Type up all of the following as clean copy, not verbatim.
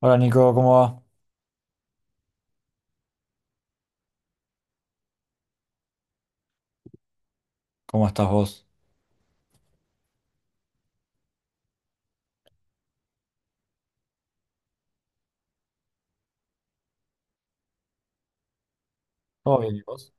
Hola Nico, ¿cómo va? ¿Cómo estás vos? ¿Todo bien y vos?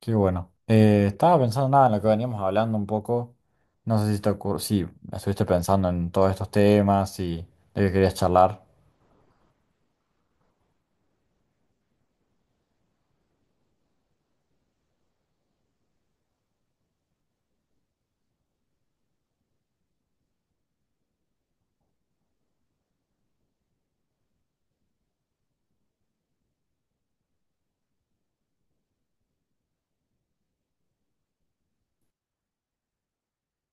Qué bueno. Estaba pensando nada en lo que veníamos hablando un poco. No sé si te ocurrió, si estuviste pensando en todos estos temas y de qué querías charlar.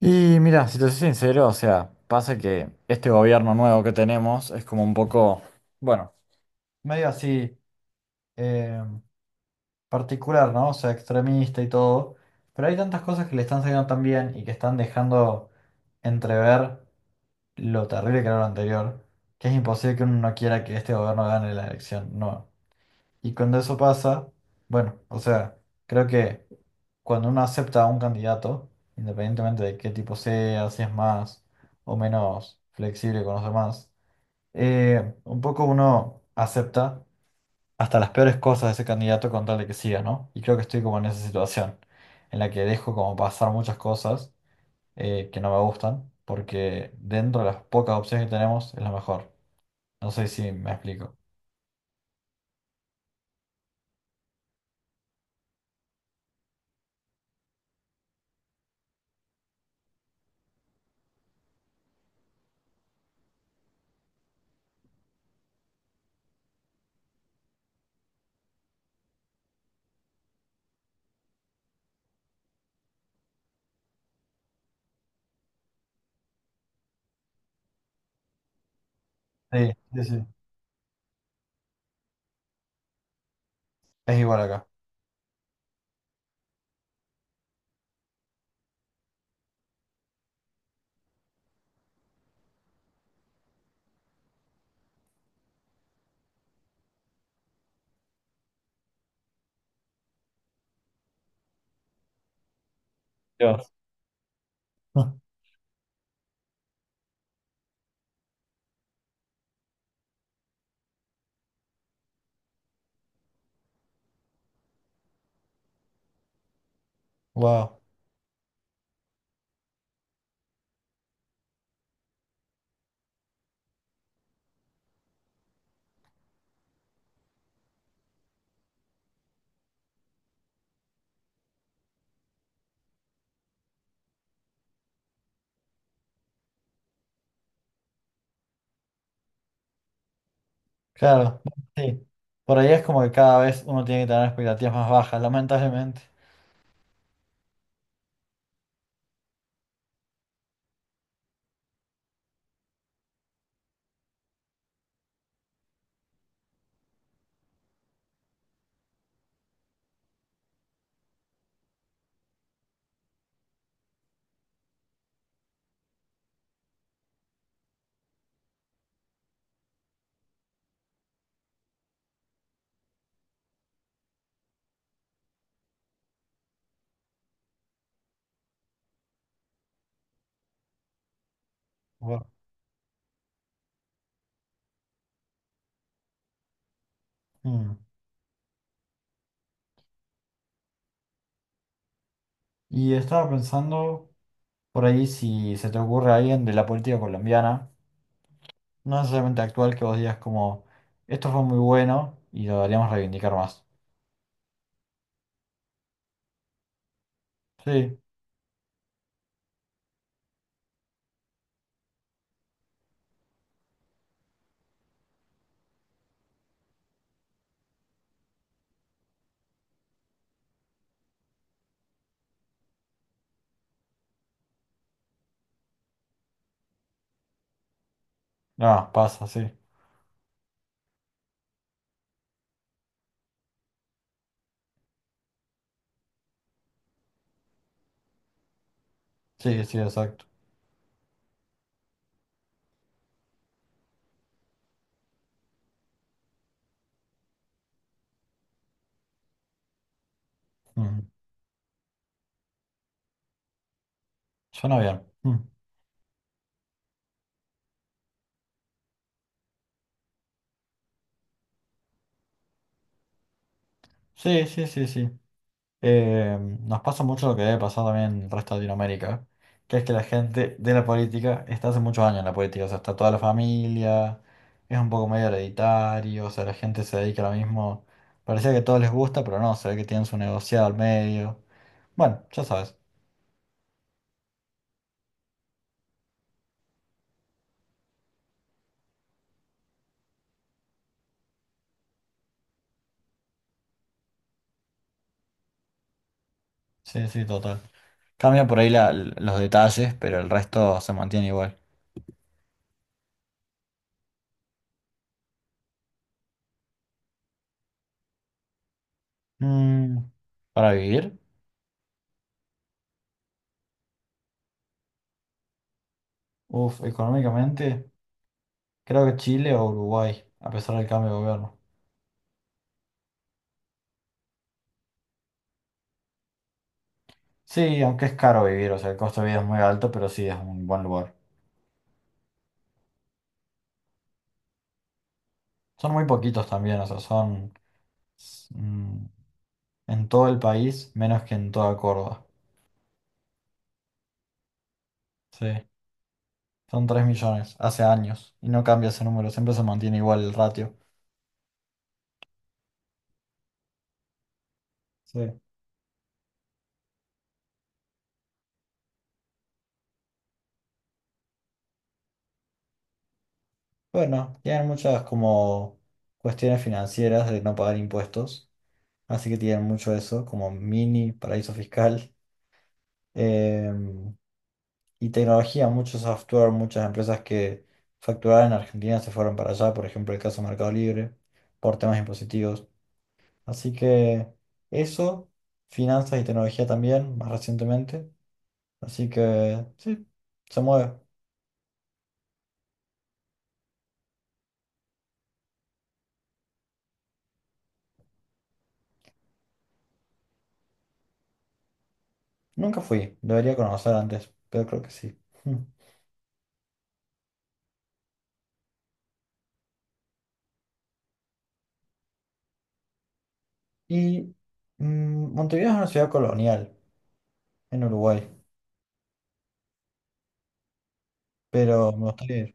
Y mira, si te soy sincero, o sea, pasa que este gobierno nuevo que tenemos es como un poco, bueno, medio así eh, particular, ¿no? O sea, extremista y todo. Pero hay tantas cosas que le están saliendo tan bien y que están dejando entrever lo terrible que era lo anterior, que es imposible que uno no quiera que este gobierno gane la elección, no. Y cuando eso pasa, bueno, o sea, creo que cuando uno acepta a un candidato, independientemente de qué tipo sea, si es más o menos flexible con los demás, un poco uno acepta hasta las peores cosas de ese candidato con tal de que siga, ¿no? Y creo que estoy como en esa situación, en la que dejo como pasar muchas cosas, que no me gustan, porque dentro de las pocas opciones que tenemos es la mejor. No sé si me explico. Sí, sí, sí. Es igual acá. Dios. Wow. Claro, sí. Por ahí es como que cada vez uno tiene que tener expectativas más bajas, lamentablemente. Guau. Mm. Y estaba pensando por ahí si se te ocurre a alguien de la política colombiana, no necesariamente actual, que vos digas como, esto fue muy bueno y lo deberíamos reivindicar más. Sí, no, pasa, sí. Sí, sí, exacto. Suena bien. Mm. Sí, sí, sí, sí. Nos pasa mucho lo que debe pasar también en el resto de Latinoamérica, que es que la gente de la política está hace muchos años en la política, o sea, está toda la familia, es un poco medio hereditario, o sea, la gente se dedica ahora mismo, parecía que todo les gusta, pero no, se ve que tienen su negociado al medio. Bueno, ya sabes. Sí, sí, total. Cambia por ahí la- los detalles, pero el resto se mantiene igual. Mm, ¿para vivir? Uf, económicamente. Creo que Chile o Uruguay, a pesar del cambio de gobierno. Sí, aunque es caro vivir, o sea, el costo de vida es muy alto, pero sí es un buen lugar. Son muy poquitos también, o sea, son s- mm, en todo el país menos que en toda Córdoba. Sí, son 3 millones, hace años, y no cambia ese número, siempre se mantiene igual el ratio. Sí. Bueno, tienen muchas como cuestiones financieras de no pagar impuestos, así que tienen mucho eso, como mini paraíso fiscal. Em, y tecnología, mucho software, muchas empresas que facturaban en Argentina se fueron para allá, por ejemplo, el caso Mercado Libre, por temas impositivos. Así que eso, finanzas y tecnología también, más recientemente. Así que sí, se mueve. Nunca fui, debería conocer antes, pero creo que sí. Mm. Y Montevideo es una ciudad colonial en Uruguay, pero me gustaría ir.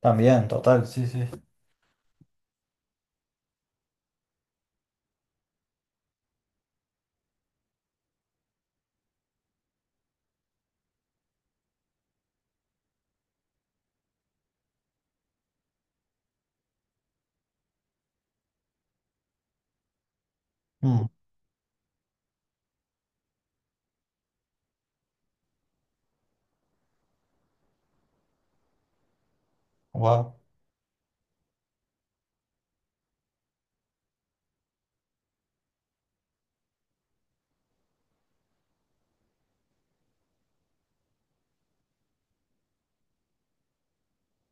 También, total, sí, sí. Mm, wow.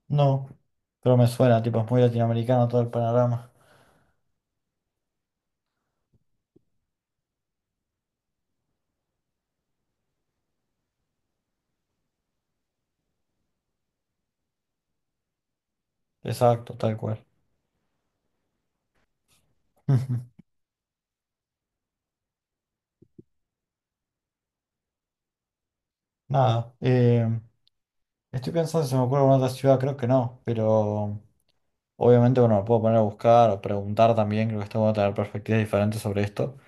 No, pero me suena, tipo, es muy latinoamericano todo el panorama. Exacto, tal cual. Nada, estoy pensando si se me ocurre alguna otra ciudad, creo que no, pero obviamente, bueno, me puedo poner a buscar o preguntar también, creo que esto va a tener perspectivas diferentes sobre esto.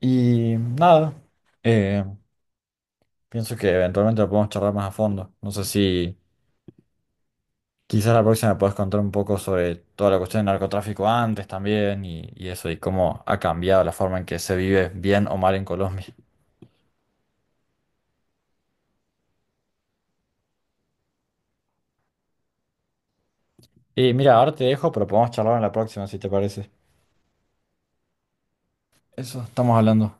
Y nada, eh, pienso que eventualmente lo podemos charlar más a fondo. No sé si Quizás la próxima puedas contar un poco sobre toda la cuestión del narcotráfico antes también y eso, y cómo ha cambiado la forma en que se vive bien o mal en Colombia. Y mira, ahora te dejo, pero podemos charlar en la próxima si te parece. Eso, estamos hablando.